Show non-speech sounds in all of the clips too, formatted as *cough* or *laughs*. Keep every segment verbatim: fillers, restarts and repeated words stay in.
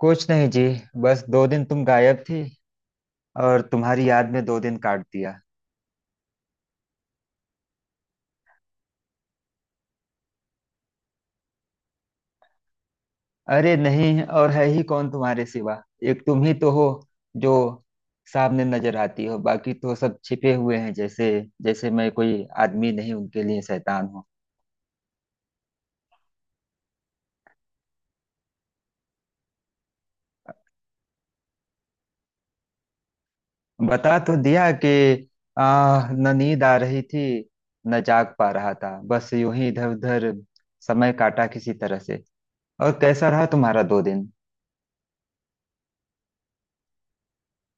कुछ नहीं जी। बस दो दिन तुम गायब थी और तुम्हारी याद में दो दिन काट दिया। अरे नहीं, और है ही कौन तुम्हारे सिवा। एक तुम ही तो हो जो सामने नजर आती हो, बाकी तो सब छिपे हुए हैं जैसे जैसे मैं कोई आदमी नहीं, उनके लिए शैतान हूँ। बता तो दिया कि आ न नींद आ रही थी, न जाग पा रहा था, बस यूं ही इधर उधर समय काटा किसी तरह से। और कैसा रहा तुम्हारा दो दिन?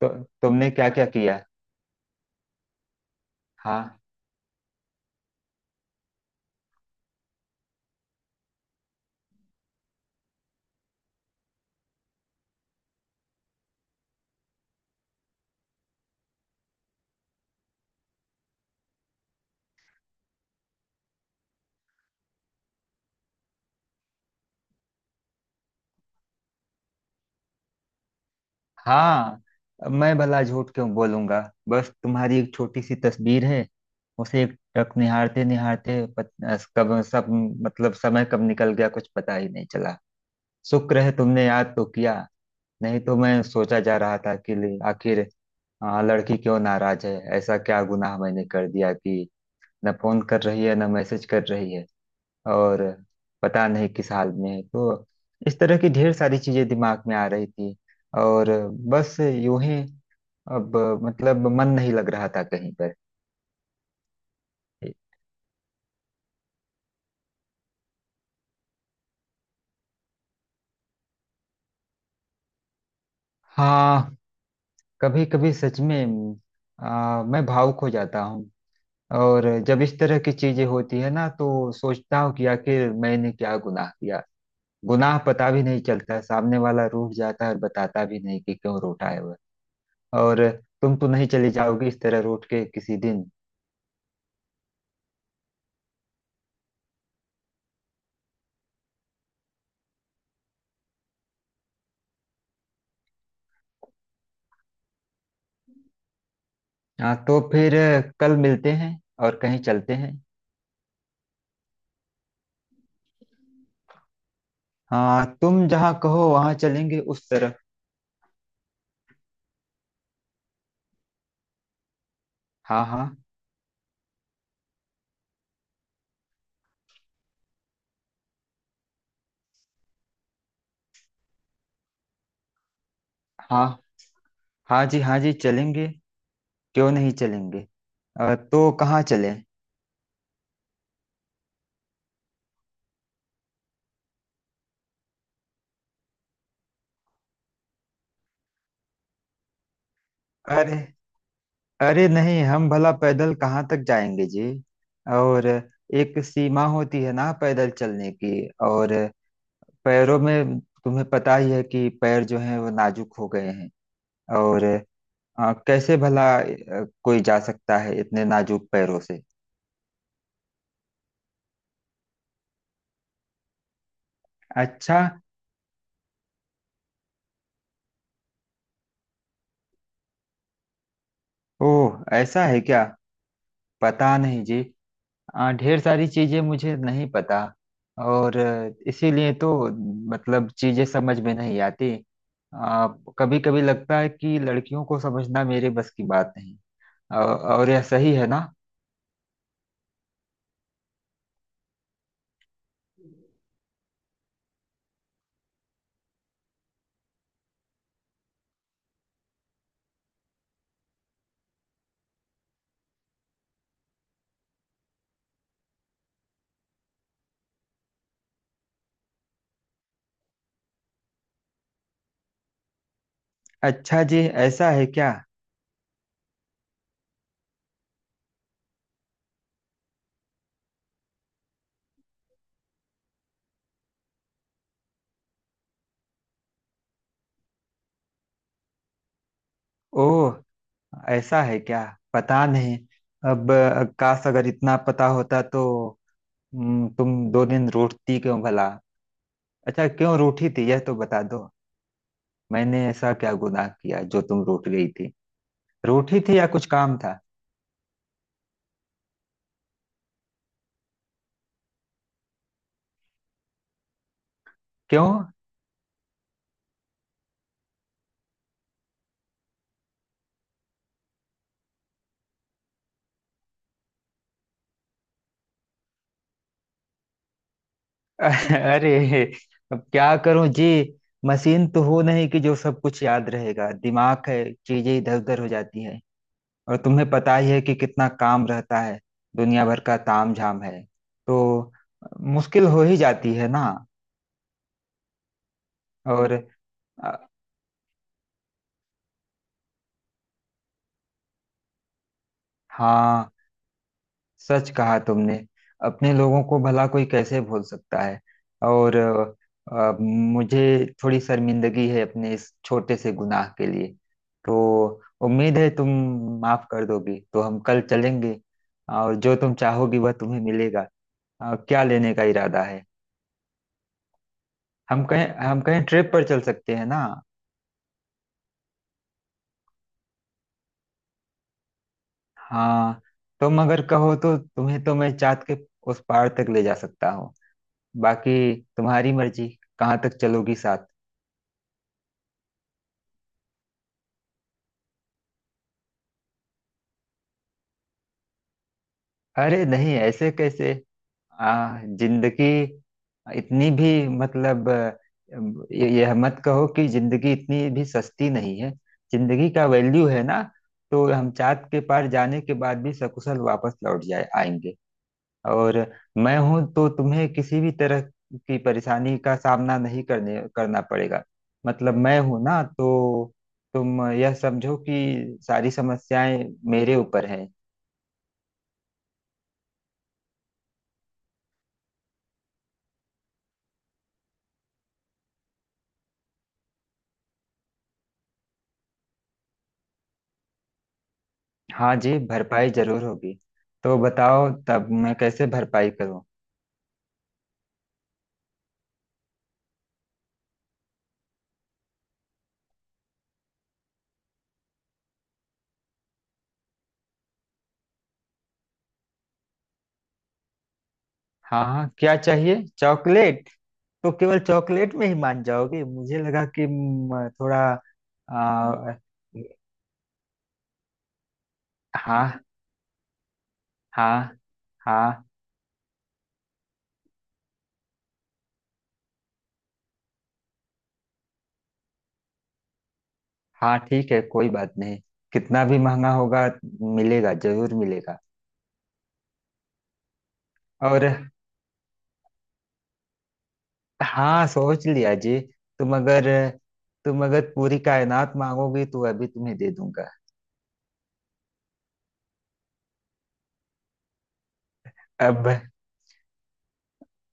तो तुमने क्या क्या किया? हाँ। हाँ, मैं भला झूठ क्यों बोलूंगा। बस तुम्हारी एक छोटी सी तस्वीर है, उसे एक टक निहारते निहारते पत, अस- कब सब मतलब समय कब निकल गया कुछ पता ही नहीं चला। शुक्र है तुमने याद तो किया, नहीं तो मैं सोचा जा रहा था कि ले- आखिर आ, लड़की क्यों नाराज है, ऐसा क्या गुनाह मैंने कर दिया कि न फोन कर रही है न मैसेज कर रही है। और पता नहीं किस हाल में है, तो इस तरह की ढेर सारी चीजें दिमाग में आ रही थी। और बस यूं ही अब मतलब मन नहीं लग रहा था कहीं पर। हाँ, कभी कभी सच में आ, मैं भावुक हो जाता हूँ। और जब इस तरह की चीजें होती है ना तो सोचता हूँ कि आखिर मैंने क्या गुनाह किया। गुनाह पता भी नहीं चलता, सामने वाला रूठ जाता है और बताता भी नहीं कि क्यों रूठा है वह। और तुम तो नहीं चली जाओगी इस तरह रूठ के किसी दिन? हाँ तो फिर कल मिलते हैं और कहीं चलते हैं। हाँ, तुम जहाँ कहो वहाँ चलेंगे उस तरफ। हाँ हाँ हाँ। हाँ जी, हाँ जी, चलेंगे। क्यों नहीं चलेंगे। अ, तो कहाँ चलें? अरे, अरे नहीं, हम भला पैदल कहाँ तक जाएंगे जी। और एक सीमा होती है ना पैदल चलने की। और पैरों में, तुम्हें पता ही है कि पैर जो हैं वो नाजुक हो गए हैं। और अ, कैसे भला अ, कोई जा सकता है इतने नाजुक पैरों से। अच्छा। ओह, ऐसा है क्या। पता नहीं जी। आ, ढेर सारी चीजें मुझे नहीं पता। और अ, इसीलिए तो मतलब चीजें समझ में नहीं आती। आ, कभी कभी लगता है कि लड़कियों को समझना मेरे बस की बात नहीं। औ- और यह सही है ना। अच्छा जी। ऐसा है क्या। ओह, ऐसा है क्या। पता नहीं। अब अ, काश अगर इतना पता होता तो। हम्म, तुम दो दिन रोती क्यों भला? अच्छा, क्यों रूठी थी यह तो बता दो। मैंने ऐसा क्या गुनाह किया जो तुम रोट गई थी? रोटी थी या कुछ काम था? क्यों? *laughs* अरे, अब क्या करूं जी। मशीन तो हो नहीं कि जो सब कुछ याद रहेगा, दिमाग है, चीजें इधर उधर हो जाती हैं। और तुम्हें पता ही है कि कितना काम रहता है, दुनिया भर का ताम झाम है, तो मुश्किल हो ही जाती है ना। और अ, हाँ, सच कहा तुमने, अपने लोगों को भला कोई कैसे भूल सकता है। और अ, अ, मुझे थोड़ी शर्मिंदगी है अपने इस छोटे से गुनाह के लिए। तो उम्मीद है तुम माफ कर दोगी, तो हम कल चलेंगे और जो तुम चाहोगी वह तुम्हें मिलेगा। अ, क्या लेने का इरादा है? हम कहीं हम कहीं ट्रिप पर चल सकते हैं ना। हाँ, तुम अगर कहो तो तुम्हें तो मैं चाँद के उस पार तक ले जा सकता हूँ। बाकी तुम्हारी मर्जी, कहाँ तक चलोगी साथ। अरे नहीं, ऐसे कैसे। आ, जिंदगी इतनी भी मतलब अ, ये- यह मत कहो कि जिंदगी इतनी भी सस्ती नहीं है। जिंदगी का वैल्यू है ना, तो हम चाँद के पार जाने के बाद भी सकुशल वापस लौट जाए आएंगे। और मैं हूं तो तुम्हें किसी भी तरह की परेशानी का सामना नहीं करने करना पड़ेगा। मतलब मैं हूं ना, तो तुम यह समझो कि सारी समस्याएं मेरे ऊपर हैं। हाँ जी, भरपाई जरूर होगी। तो बताओ तब मैं कैसे भरपाई करूं। हाँ हाँ, क्या चाहिए, चॉकलेट? तो केवल चॉकलेट में ही मान जाओगी, मुझे लगा कि म, थोड़ा आ, हाँ। हाँ। हाँ। हाँ, ठीक है, कोई बात नहीं, कितना भी महंगा होगा मिलेगा, जरूर मिलेगा। और हाँ, सोच लिया जी। तुम अगर तुम अगर पूरी कायनात मांगोगी तो अभी तुम्हें दे दूंगा। अब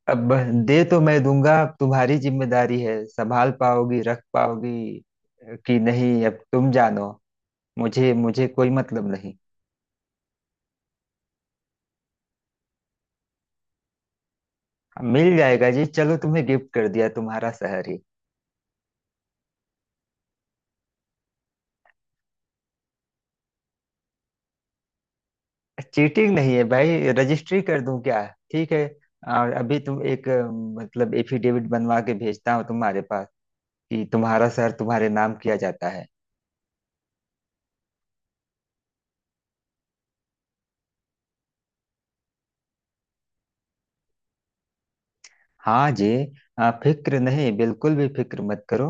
अब बस दे तो मैं दूंगा, अब तुम्हारी जिम्मेदारी है, संभाल पाओगी रख पाओगी अ, कि नहीं, अब तुम जानो। मुझे मुझे कोई मतलब नहीं। हाँ, मिल जाएगा जी, चलो तुम्हें गिफ्ट कर दिया, तुम्हारा शहर ही। चीटिंग नहीं है भाई, रजिस्ट्री कर दूं क्या? ठीक है। और अभी तुम एक अ, मतलब एफिडेविट बनवा के भेजता हूँ तुम्हारे पास कि तुम्हारा शहर तुम्हारे नाम किया जाता है। हाँ जी, आ, फिक्र नहीं, बिल्कुल भी फिक्र मत करो।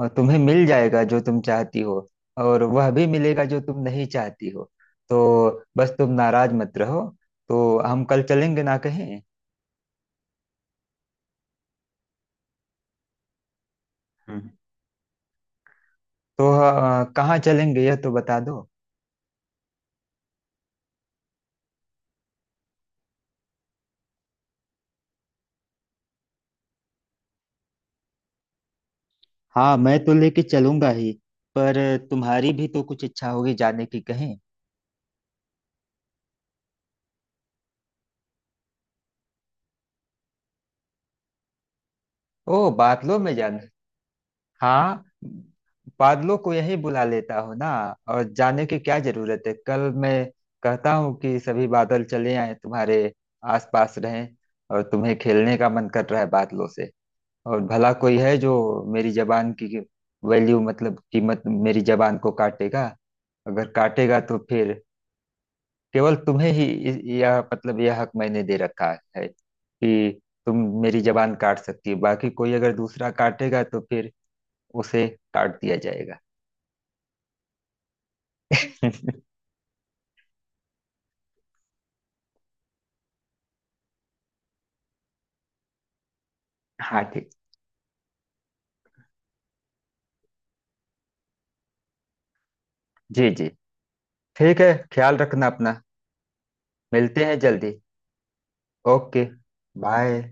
और तुम्हें मिल जाएगा जो तुम चाहती हो, और वह भी मिलेगा जो तुम नहीं चाहती हो। तो बस तुम नाराज मत रहो। तो हम कल चलेंगे ना कहीं। हम्म। तो आ, कहाँ चलेंगे यह तो बता दो। हाँ, मैं तो लेके चलूंगा ही, पर तुम्हारी भी तो कुछ इच्छा होगी जाने की कहीं। ओ, बादलों में जाना। हाँ। बादलों को यही बुला लेता हूँ ना, और जाने की क्या जरूरत है, कल मैं कहता हूँ कि सभी बादल चले आए तुम्हारे आसपास रहें। और तुम्हें खेलने का मन कर रहा है बादलों से। और भला कोई है जो मेरी जबान की वैल्यू मतलब कीमत, मेरी जबान को काटेगा? अगर काटेगा तो फिर केवल तुम्हें ही इस- यह मतलब यह हक मैंने दे रखा है कि तुम मेरी जबान काट सकती हो, बाकी कोई अगर दूसरा काटेगा तो फिर उसे काट दिया जाएगा। *laughs* हाँ, ठीक। जी जी, ठीक है, ख्याल रखना अपना। मिलते हैं जल्दी। ओके। बाय।